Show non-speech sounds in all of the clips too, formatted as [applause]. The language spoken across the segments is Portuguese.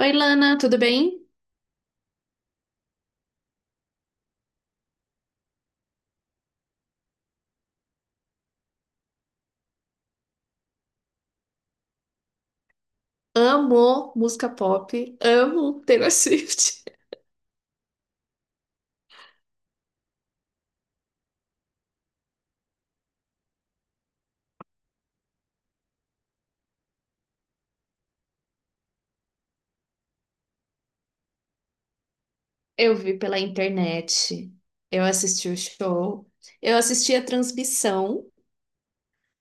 Oi, Lana, tudo bem? Amo música pop, amo Taylor Swift. [laughs] Eu vi pela internet, eu assisti o show, eu assisti a transmissão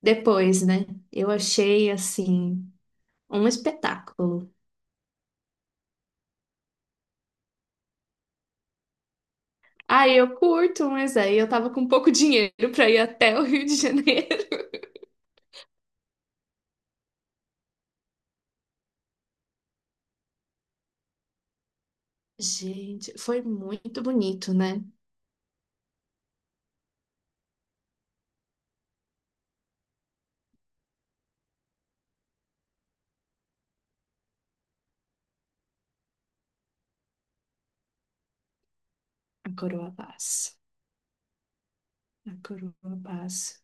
depois, né? Eu achei, assim, um espetáculo. Ah, eu curto, mas aí eu tava com pouco dinheiro pra ir até o Rio de Janeiro. [laughs] Gente, foi muito bonito, né? A Coroa Passa. A Coroa Passa.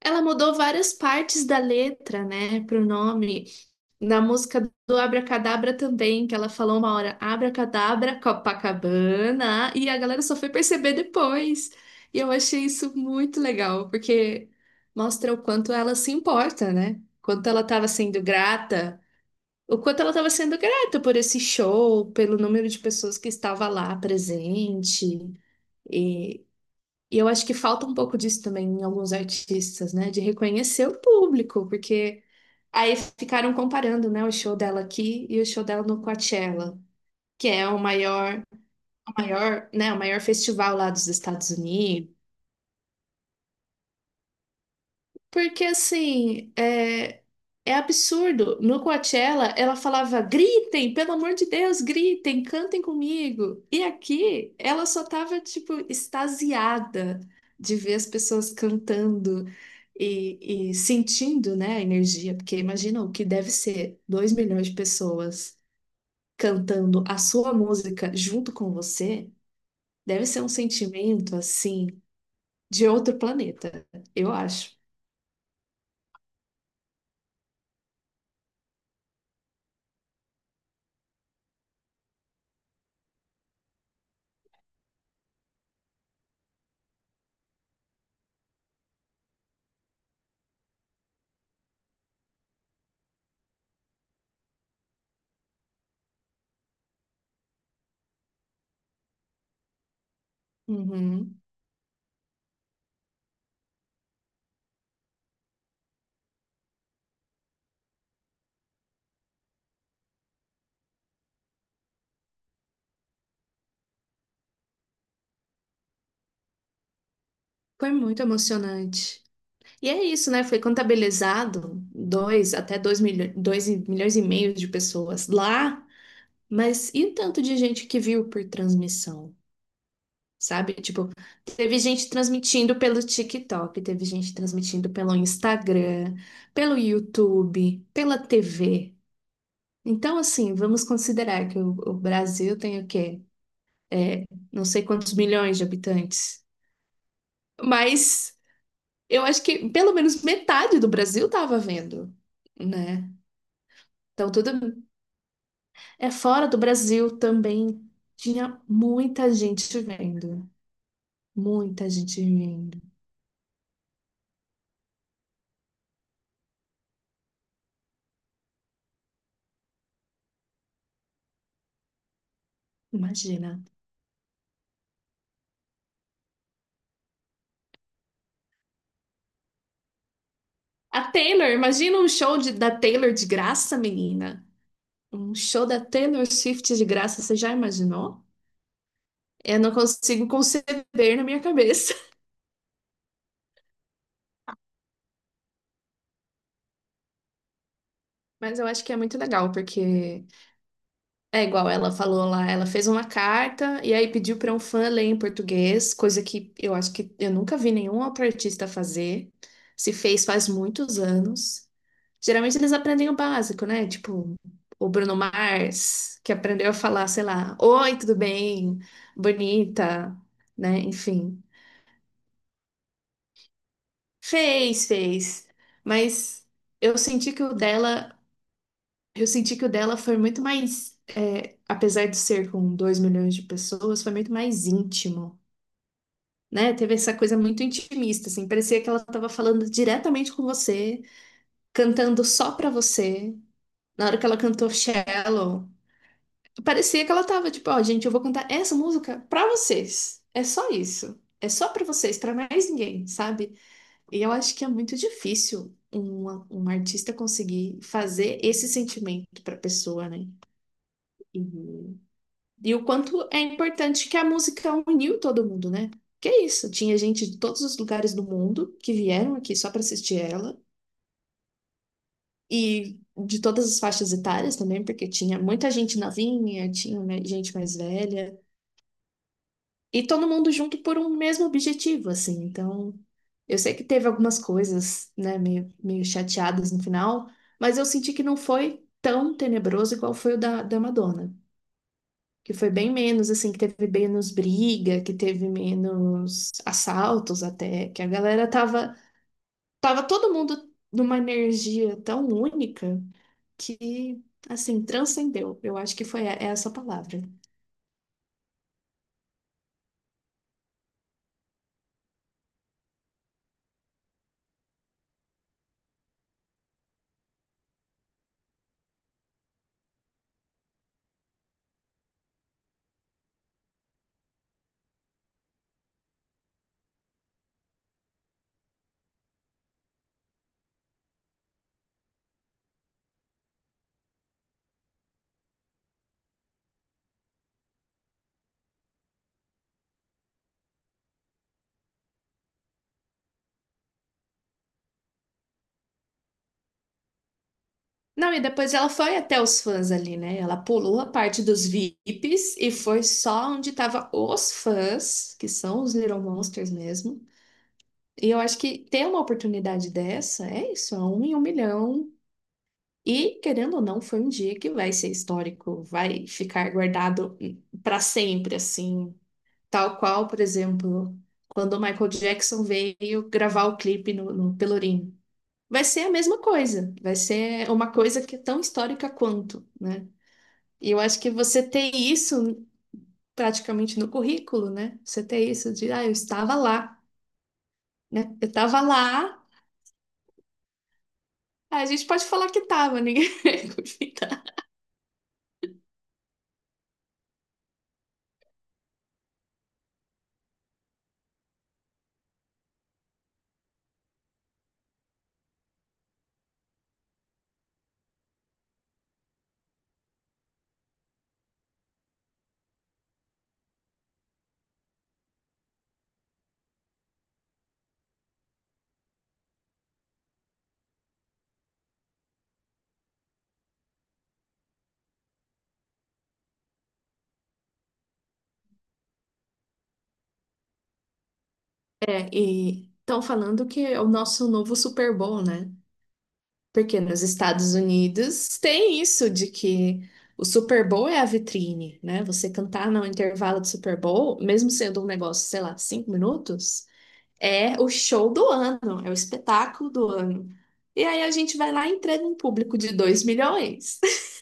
Ela mudou várias partes da letra, né, pro nome. Na música do Abracadabra também, que ela falou uma hora Abracadabra, Copacabana, e a galera só foi perceber depois. E eu achei isso muito legal, porque mostra o quanto ela se importa, né? Quanto ela estava sendo grata, o quanto ela estava sendo grata por esse show, pelo número de pessoas que estava lá presente. E e eu acho que falta um pouco disso também em alguns artistas, né? De reconhecer o público, porque aí ficaram comparando, né, o show dela aqui e o show dela no Coachella, que é o maior, né, o maior festival lá dos Estados Unidos. Porque assim, é absurdo. No Coachella, ela falava: gritem, pelo amor de Deus, gritem, cantem comigo. E aqui, ela só tava, tipo, extasiada de ver as pessoas cantando e sentindo, né, a energia. Porque imagina o que deve ser 2 milhões de pessoas cantando a sua música junto com você. Deve ser um sentimento, assim, de outro planeta, eu acho. Uhum. Foi muito emocionante. E é isso, né? Foi contabilizado dois até dois milho- dois e- milhões e meio de pessoas lá, mas e o tanto de gente que viu por transmissão, sabe? Tipo, teve gente transmitindo pelo TikTok, teve gente transmitindo pelo Instagram, pelo YouTube, pela TV. Então, assim, vamos considerar que o Brasil tem o quê? É, não sei quantos milhões de habitantes, mas eu acho que pelo menos metade do Brasil tava vendo, né? Então tudo é fora do Brasil também. Tinha muita gente vendo, muita gente vendo. Imagina. A Taylor, imagina um show de- da Taylor de graça, menina. Um show da Taylor Swift de graça, você já imaginou? Eu não consigo conceber na minha cabeça. [laughs] Mas eu acho que é muito legal, porque é igual ela falou lá, ela fez uma carta e aí pediu para um fã ler em português, coisa que eu acho que eu nunca vi nenhum outro artista fazer. Se fez faz muitos anos. Geralmente eles aprendem o básico, né? Tipo, o Bruno Mars, que aprendeu a falar, sei lá, oi, tudo bem? Bonita, né? Enfim. Fez, fez. Mas eu senti que o dela. Eu senti que o dela foi muito mais, é, apesar de ser com 2 milhões de pessoas, foi muito mais íntimo, né? Teve essa coisa muito intimista, assim, parecia que ela estava falando diretamente com você, cantando só pra você. Na hora que ela cantou Shallow, parecia que ela tava tipo, ó, gente, eu vou cantar essa música pra vocês. É só isso. É só pra vocês, pra mais ninguém, sabe? E eu acho que é muito difícil um artista conseguir fazer esse sentimento pra pessoa, né? E e o quanto é importante que a música uniu todo mundo, né? Que é isso, tinha gente de todos os lugares do mundo que vieram aqui só para assistir ela e de todas as faixas etárias também, porque tinha muita gente novinha, tinha, né, gente mais velha, e todo mundo junto por um mesmo objetivo, assim. Então, eu sei que teve algumas coisas, né, meio chateadas no final, mas eu senti que não foi tão tenebroso igual foi o da Madonna, que foi bem menos, assim, que teve menos briga, que teve menos assaltos até, que a galera tava, tava todo mundo numa energia tão única que, assim, transcendeu. Eu acho que foi essa a palavra. Não, e depois ela foi até os fãs ali, né? Ela pulou a parte dos VIPs e foi só onde tava os fãs, que são os Little Monsters mesmo. E eu acho que ter uma oportunidade dessa é isso, é um em um milhão. E, querendo ou não, foi um dia que vai ser histórico, vai ficar guardado para sempre, assim. Tal qual, por exemplo, quando o Michael Jackson veio gravar o clipe no Pelourinho. Vai ser a mesma coisa, vai ser uma coisa que é tão histórica quanto, né? E eu acho que você ter isso praticamente no currículo, né? Você ter isso de, ah, eu estava lá, né? Eu estava lá, a gente pode falar que estava, ninguém. [laughs] É, e estão falando que é o nosso novo Super Bowl, né? Porque nos Estados Unidos tem isso de que o Super Bowl é a vitrine, né? Você cantar no intervalo do Super Bowl, mesmo sendo um negócio, sei lá, 5 minutos, é o show do ano, é o espetáculo do ano. E aí a gente vai lá e entrega um público de 2 milhões. [laughs]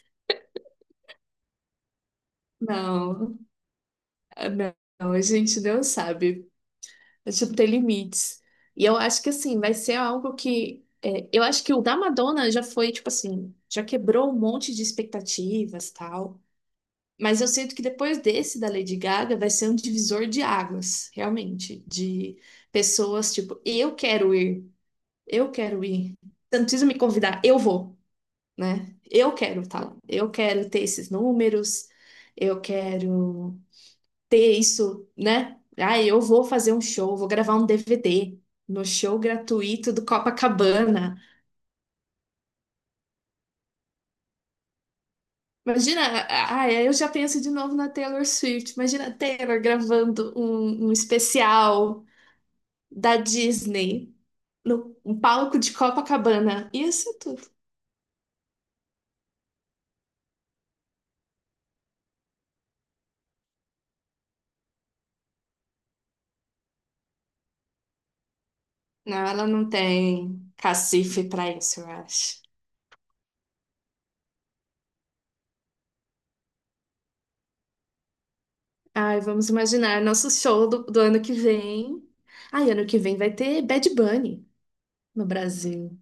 Não, não, a gente não sabe. É, tipo, ter limites. E eu acho que, assim, vai ser algo que, é, eu acho que o da Madonna já foi, tipo assim, já quebrou um monte de expectativas, tal. Mas eu sinto que depois desse da Lady Gaga vai ser um divisor de águas, realmente. De pessoas, tipo, eu quero ir, eu quero ir. Você não precisa me convidar, eu vou, né? Eu quero, tal. Eu quero ter esses números, eu quero ter isso, né? Ah, eu vou fazer um show, vou gravar um DVD no show gratuito do Copacabana. Imagina, ah, ah, eu já penso de novo na Taylor Swift. Imagina a Taylor gravando um especial da Disney no um palco de Copacabana. Isso é tudo. Não, ela não tem cacife pra isso, eu acho. Ai, vamos imaginar nosso show do ano que vem. Ai, ano que vem vai ter Bad Bunny no Brasil.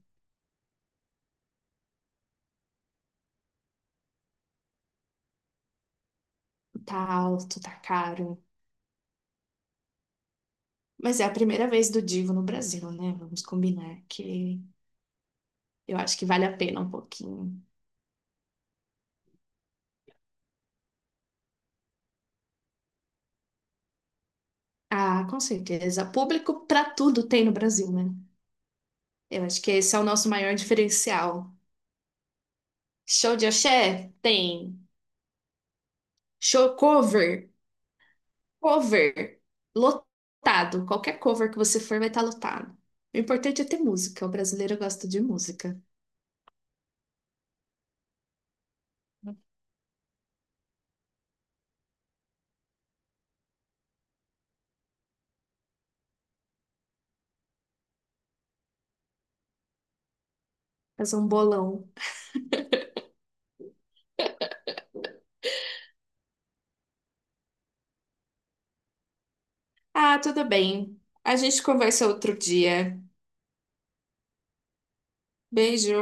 Tá alto, tá caro. Mas é a primeira vez do Divo no Brasil, né? Vamos combinar que eu acho que vale a pena um pouquinho. Ah, com certeza. Público pra tudo tem no Brasil, né? Eu acho que esse é o nosso maior diferencial. Show de axé? Tem. Show cover? Cover. Lotado. Qualquer cover que você for vai estar lotado. O importante é ter música. O brasileiro gosta de música. Fazer um bolão. Ah, tudo bem. A gente conversa outro dia. Beijo.